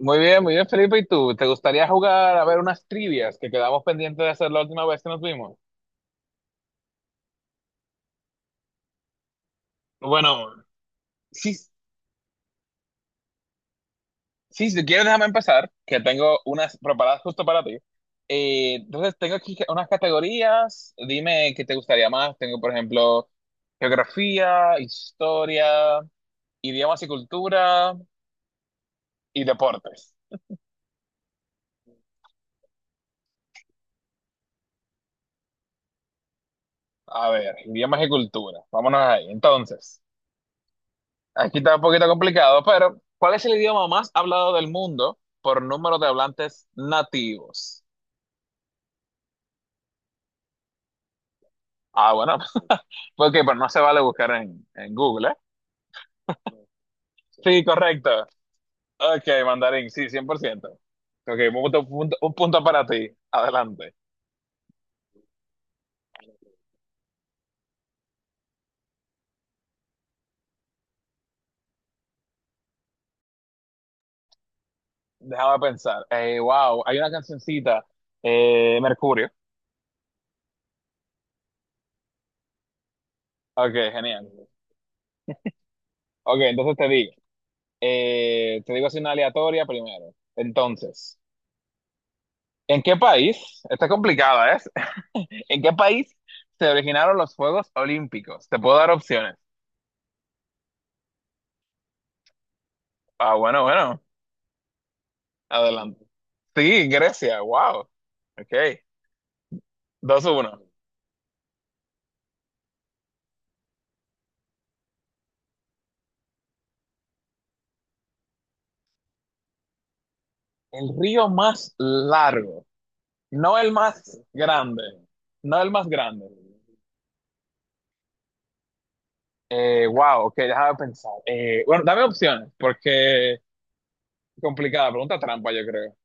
Muy bien, Felipe. ¿Y tú? ¿Te gustaría jugar a ver unas trivias que quedamos pendientes de hacer la última vez que nos vimos? Bueno. Sí, sí, si quieres, déjame empezar, que tengo unas preparadas justo para ti. Entonces, tengo aquí unas categorías. Dime qué te gustaría más. Tengo, por ejemplo, geografía, historia, idiomas y cultura y deportes. A ver, idiomas y cultura. Vámonos ahí. Entonces, aquí está un poquito complicado, pero ¿cuál es el idioma más hablado del mundo por número de hablantes nativos? Ah, bueno, porque pues no se vale buscar en Google, ¿eh? Sí, correcto. Ok, mandarín, sí, 100%. Ok, un punto para ti. Adelante. Déjame pensar. Wow, hay una cancioncita, Mercurio. Ok, genial. Ok, entonces te digo. Te digo así una aleatoria primero. Entonces, ¿en qué país? Está complicada, ¿eh? ¿En qué país se originaron los Juegos Olímpicos? Te puedo dar opciones. Ah, bueno, bueno, adelante. Sí, Grecia, wow. Ok. 2-1. El río más largo, no el más grande, no el más grande. Wow, ok, déjame pensar. Bueno, dame opciones, porque complicada, pregunta trampa, yo creo.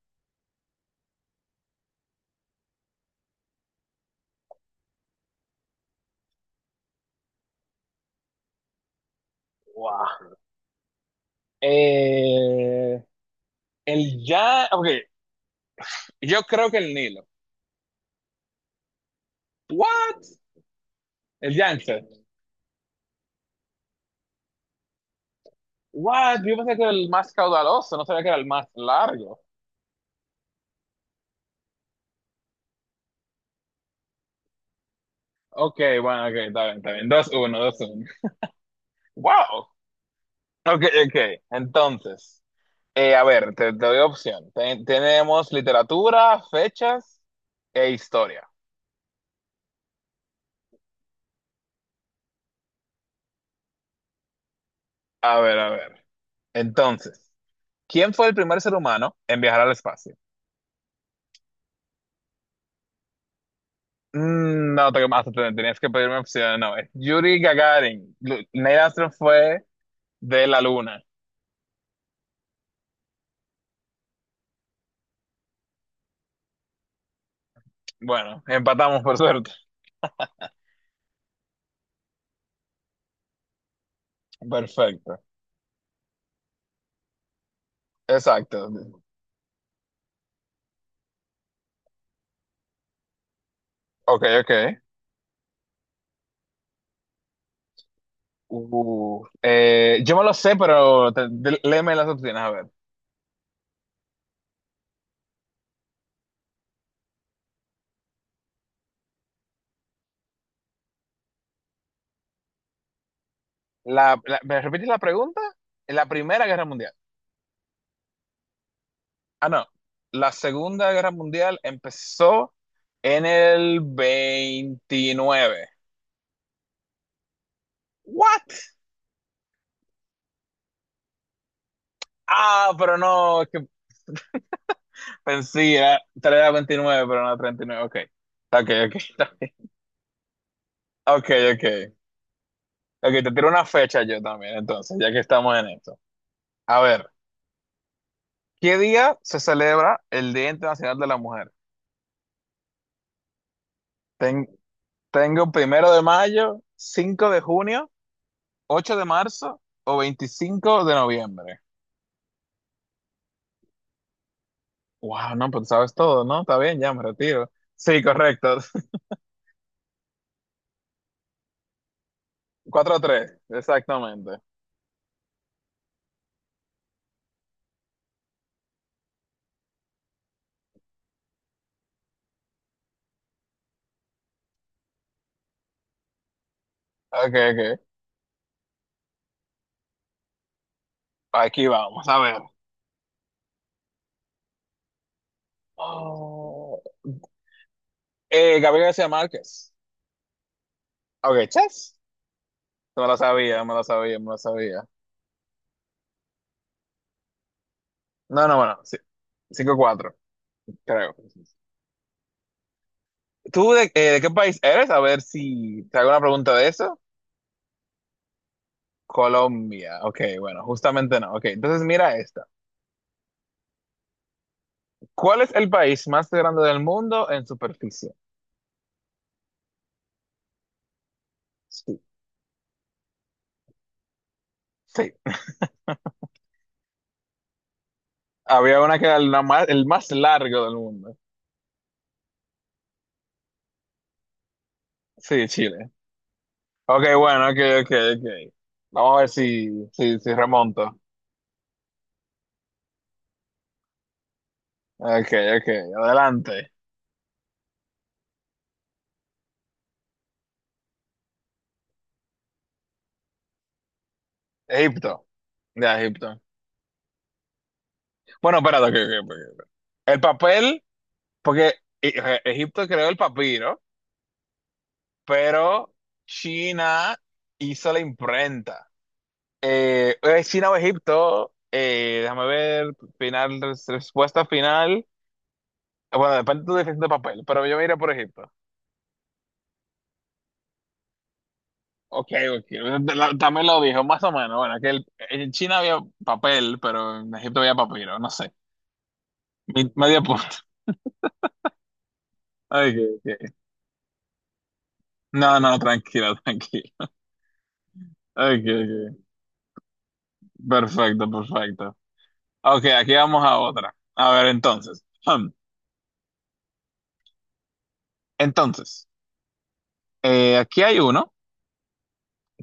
Wow. Eh, el ya, ok, yo creo que el Nilo. What? El Yangtze. What? Yo pensé que era el más caudaloso, no sabía que era el más largo. Ok, bueno, ok, está bien, está bien. 2-1. 2-1. Wow. Ok, ok. Entonces, a ver, te doy opción. Tenemos literatura, fechas e historia. A ver, a ver. Entonces, ¿quién fue el primer ser humano en viajar al espacio? No, tenías que pedirme opción. No, es Yuri Gagarin. Neil Armstrong fue de la luna. Bueno, empatamos por suerte. Perfecto. Exacto. Ok, ok. Yo me lo sé, pero léeme las opciones, a ver. ¿Me repites la pregunta? La Primera Guerra Mundial. Ah, no. La Segunda Guerra Mundial empezó en el 29. ¿What? Ah, pero no, es que pensé, era, tal vez era 29, pero no 39. Ok. Ok, ok. Está bien. Ok, ok. Ok, te tiro una fecha yo también, entonces, ya que estamos en esto. A ver, ¿qué día se celebra el Día Internacional de la Mujer? Ten- tengo 1 de mayo, 5 de junio, 8 de marzo o 25 de noviembre. Wow, no, pues sabes todo, ¿no? Está bien, ya me retiro. Sí, correcto. 4 tres, exactamente. Ok, ok. Aquí vamos, a ver. Oh, Gabriel García Márquez. Ok, chess. Me lo sabía, me lo sabía, me lo sabía. No, no, bueno, sí. 5-4, creo. ¿Tú de qué país eres? A ver si te hago una pregunta de eso. Colombia. Ok, bueno, justamente no. Ok, entonces mira esta. ¿Cuál es el país más grande del mundo en superficie? Sí, sí. Había una que era el más largo del mundo. Sí, Chile. Ok, bueno, ok, ok, ok. Vamos a ver si remonto. Ok, ok, adelante. Egipto. Ya, Egipto. Bueno, espérate, ok, ok, ok. Ok. El papel, porque Egipto creó el papiro, pero China hizo la imprenta. China o Egipto, déjame ver, final, respuesta final. Bueno, depende de tu definición de papel, pero yo me iré por Egipto. Ok, ok. También lo dijo, más o menos. Bueno, que en China había papel, pero en Egipto había papiro, no sé. Medio punto. Ok, ok. No, no, tranquilo, tranquilo. Ok, ok. Perfecto, perfecto. Ok, aquí vamos a otra. A ver, entonces. Hmm. Entonces. Aquí hay uno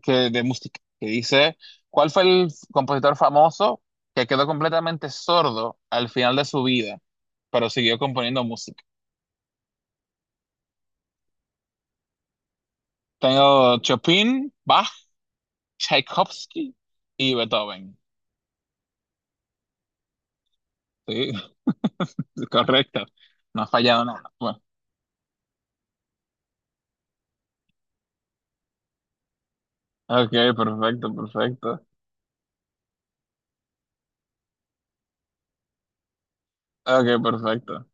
que, de música, que dice, ¿cuál fue el compositor famoso que quedó completamente sordo al final de su vida, pero siguió componiendo música? Tengo Chopin, Bach, Tchaikovsky y Beethoven. Sí, correcto. No ha fallado nada. Bueno, ok, perfecto, perfecto. Ok, perfecto.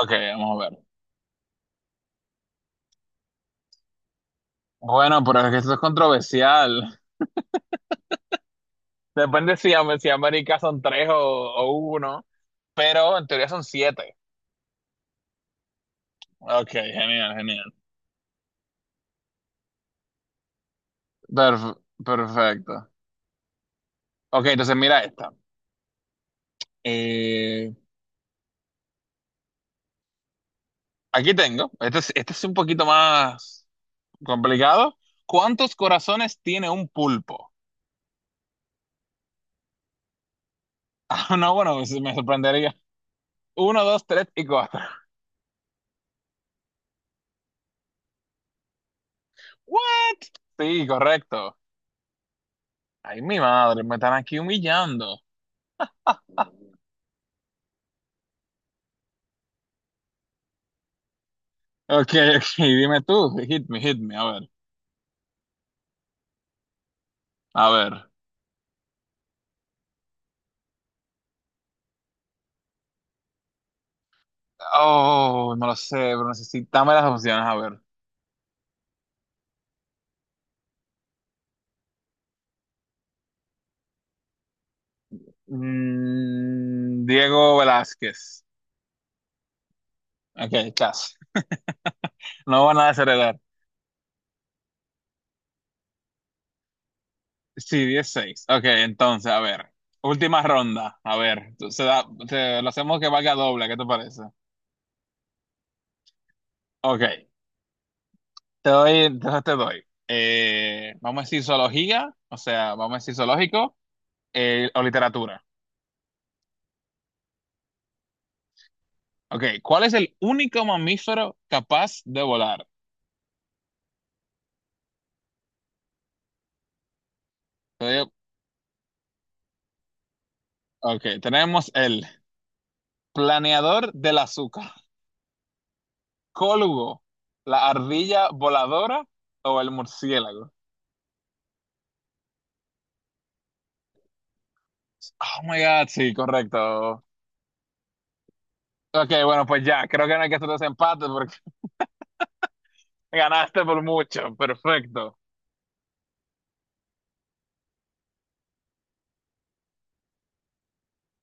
Ok, vamos a ver. Bueno, pero es que esto es controversial. Depende si, si América son tres o uno, pero en teoría son siete. Ok, genial, genial. Perf- Perfecto. Ok, entonces mira esta. Eh, aquí tengo. Este es un poquito más complicado. ¿Cuántos corazones tiene un pulpo? Ah, no, bueno, pues me sorprendería. Uno, dos, tres y cuatro. ¿What? Sí, correcto. Ay, mi madre, me están aquí humillando. Ok, ok, dime tú. Hit me, hit me. A ver, a ver. Oh, no lo sé, pero necesitame las opciones. A ver. Diego Velázquez. Ok, casi. No van a desheredar. Sí, 16. Ok, entonces, a ver. Última ronda. A ver, lo hacemos que valga doble, ¿qué te parece? Ok, te doy, entonces te doy. Vamos a decir zoología, o sea, vamos a decir zoológico, o literatura. Ok, ¿cuál es el único mamífero capaz de volar? Te doy- Ok, tenemos el planeador del azúcar, cólugo, la ardilla voladora o el murciélago. Oh my God, sí, correcto. Ok, bueno, pues ya, creo que no hay que hacer desempate porque ganaste por mucho. Perfecto.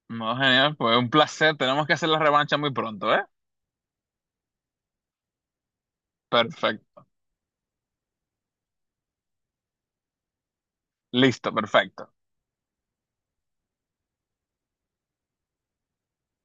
No, genial, pues un placer. Tenemos que hacer la revancha muy pronto, ¿eh? Perfecto. Listo, perfecto.